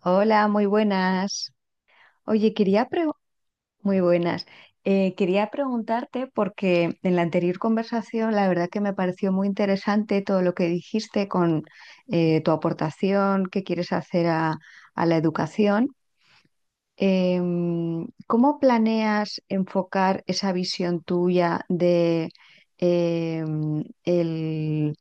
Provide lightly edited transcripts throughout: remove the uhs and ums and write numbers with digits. Hola, muy buenas. Oye, muy buenas. Quería preguntarte porque en la anterior conversación la verdad que me pareció muy interesante todo lo que dijiste con tu aportación que quieres hacer a la educación. ¿Cómo planeas enfocar esa visión tuya de em, el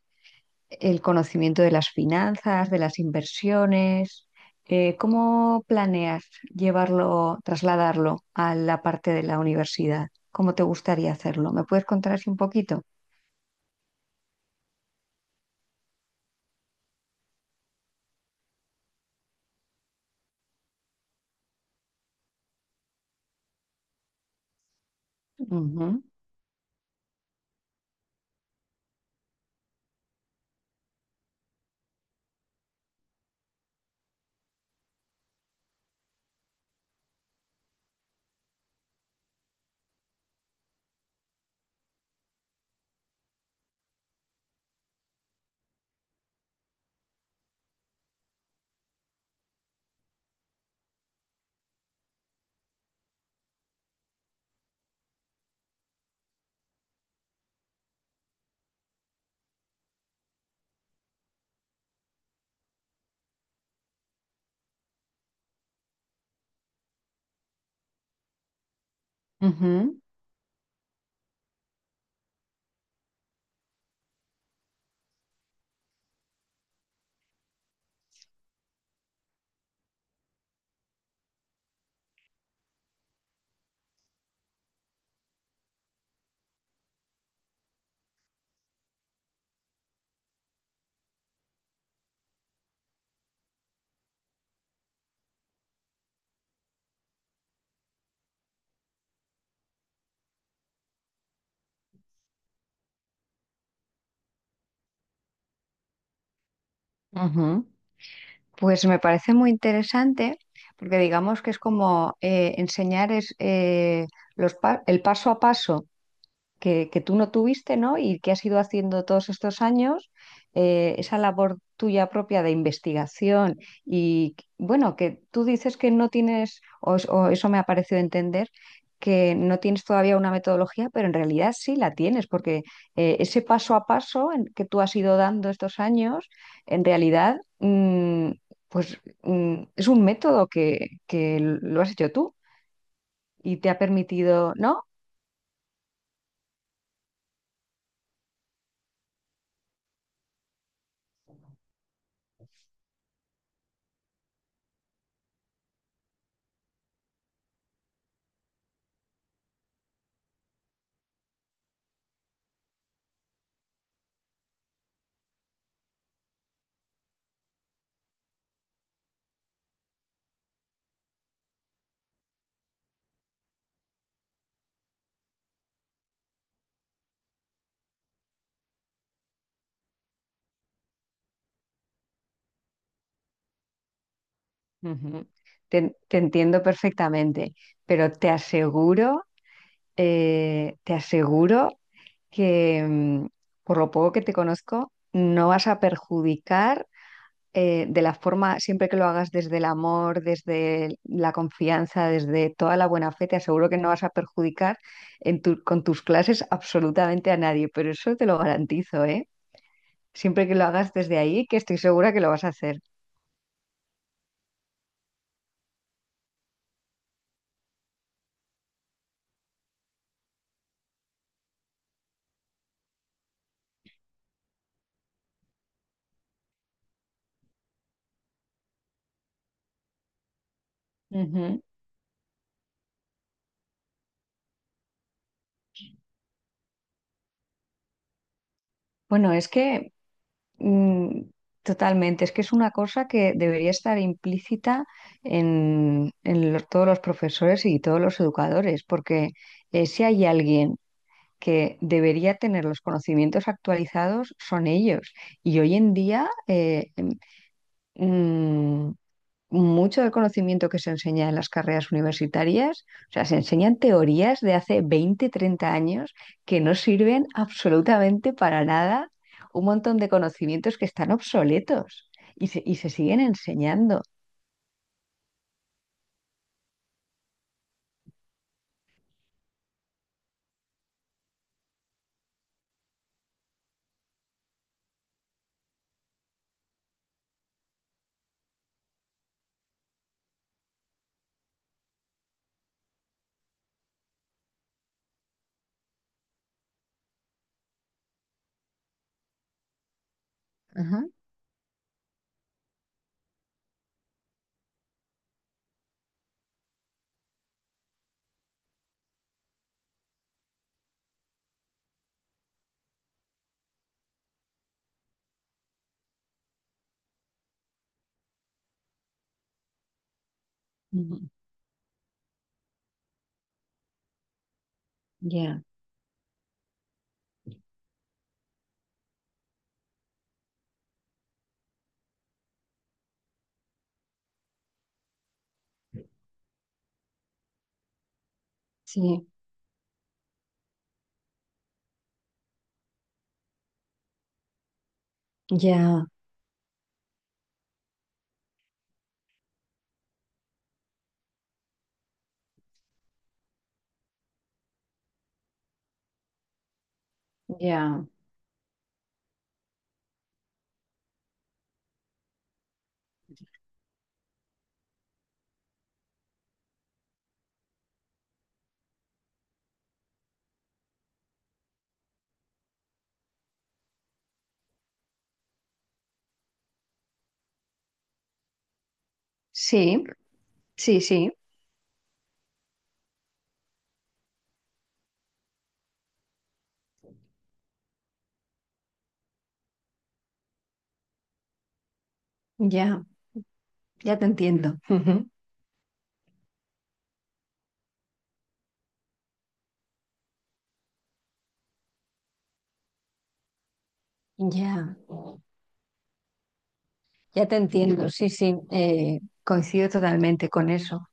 el conocimiento de las finanzas, de las inversiones? ¿Cómo planeas llevarlo, trasladarlo a la parte de la universidad? ¿Cómo te gustaría hacerlo? ¿Me puedes contar así un poquito? Ujú, ujú, ujú. Pues me parece muy interesante porque digamos que es como enseñar es, el paso a paso que tú no tuviste, ¿no? Y que has ido haciendo todos estos años, esa labor tuya propia de investigación y, bueno, que tú dices que no tienes, o, o eso me ha parecido entender, que no tienes todavía una metodología, pero en realidad sí la tienes, porque ese paso a paso en que tú has ido dando estos años, en realidad, es un método que lo has hecho tú. Y te ha permitido, ¿no? Ujú. Te entiendo perfectamente, pero te aseguro que por lo poco que te conozco, no vas a perjudicar de la forma, siempre que lo hagas desde el amor, la confianza, desde toda la buena fe, te aseguro que no vas a perjudicar con tus clases absolutamente a nadie, pero eso te lo garantizo, ¿eh? Siempre que lo hagas desde ahí, que estoy segura que lo vas a hacer. Ujú. Bueno, es que... Mm, totalmente. Es que es una cosa que debería estar implícita en todos los profesores y todos los educadores, porque si hay alguien que debería tener los conocimientos actualizados, son ellos. Y hoy en día, mm, mucho del conocimiento que se enseña en las carreras universitarias, o sea, se enseñan teorías de hace 20, 30 años que no sirven absolutamente para nada, un montón de conocimientos que están obsoletos y se siguen enseñando. Ajá. Ujú. Ya, sí, ya, ya, sí, sí, sí, ya, ya te entiendo. Ujú. Ya, ya te entiendo, sí, sí, coincido totalmente con eso.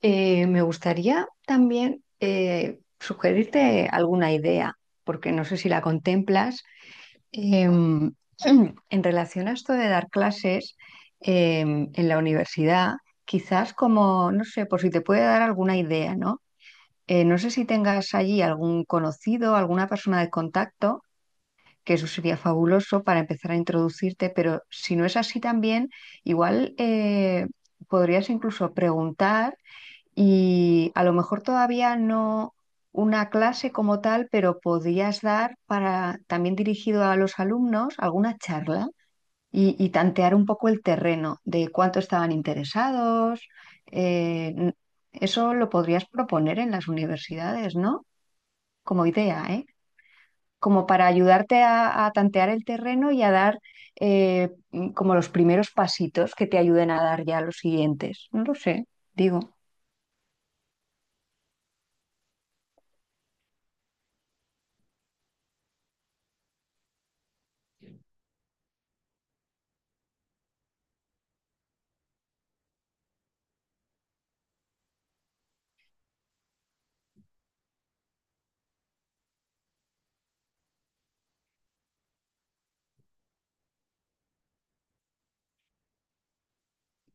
Me gustaría también sugerirte alguna idea, porque no sé si la contemplas, em, en relación a esto de dar clases en la universidad, quizás como, no sé, por si te puede dar alguna idea, ¿no? No sé si tengas allí algún conocido, alguna persona de contacto, que eso sería fabuloso para empezar a introducirte, pero si no es así también, igual podrías incluso preguntar y a lo mejor todavía no una clase como tal, pero podrías dar para también dirigido a los alumnos alguna charla y tantear un poco el terreno de cuánto estaban interesados. eh, n- Eso lo podrías proponer en las universidades, ¿no? Como idea, ¿eh? Como para ayudarte a tantear el terreno y a dar eh, como los primeros pasitos que te ayuden a dar ya los siguientes. No lo sé, digo.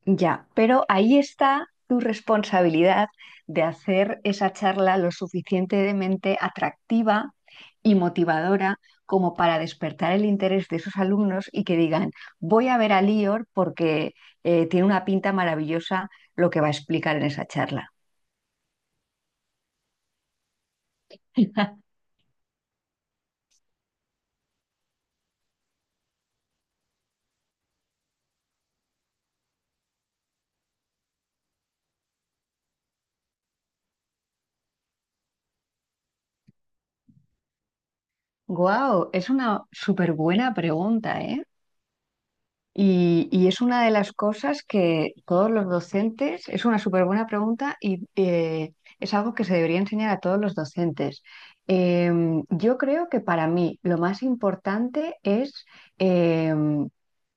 Ya, pero ahí está tu responsabilidad de hacer esa charla lo suficientemente atractiva y motivadora como para despertar el interés de esos alumnos y que digan, voy a ver a Lior porque tiene una pinta maravillosa lo que va a explicar en esa charla. Guau, es una súper buena pregunta, ¿eh? Y es una de las cosas que todos los docentes, es una súper buena pregunta y es algo que se debería enseñar a todos los docentes. Yo creo que para mí lo más importante es em,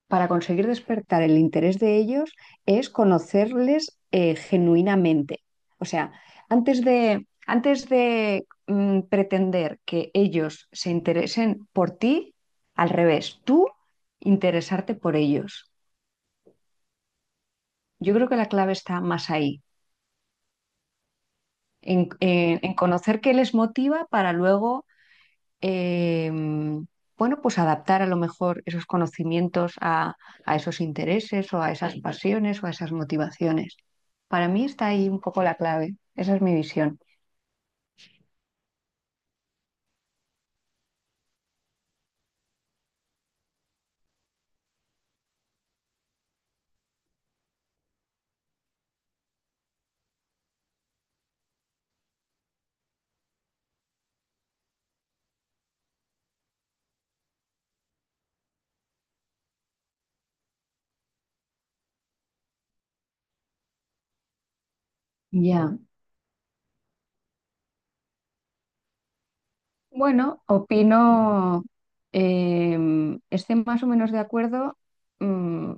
para conseguir despertar el interés de ellos es conocerles genuinamente. O sea, antes de pretender que ellos se interesen por ti, al revés, tú interesarte por ellos. Yo creo que la clave está más ahí, en conocer qué les motiva para luego eh, bueno, pues adaptar a lo mejor esos conocimientos a esos intereses o a esas pasiones o a esas motivaciones. Para mí está ahí un poco la clave, esa es mi visión. Ya, bueno, opino, estoy más o menos de acuerdo, mm,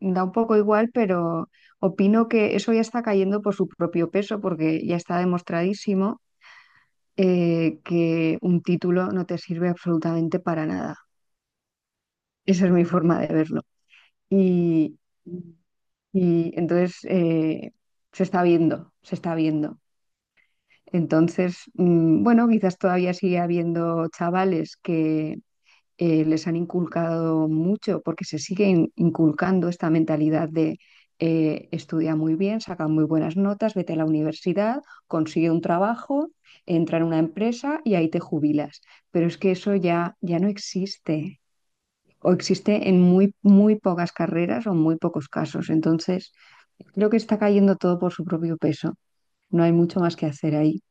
da un poco igual, pero opino que eso ya está cayendo por su propio peso, porque ya está demostradísimo que un título no te sirve absolutamente para nada. Esa es mi forma de verlo. Y, y entonces se está viendo, se está viendo. Entonces, bueno, quizás todavía sigue habiendo chavales que les han inculcado mucho, porque se sigue inculcando esta mentalidad de estudia muy bien, saca muy buenas notas, vete a la universidad, consigue un trabajo, entra en una empresa y ahí te jubilas. Pero es que eso ya, ya no existe o existe en muy, muy pocas carreras o muy pocos casos. Entonces, creo que está cayendo todo por su propio peso. No hay mucho más que hacer ahí.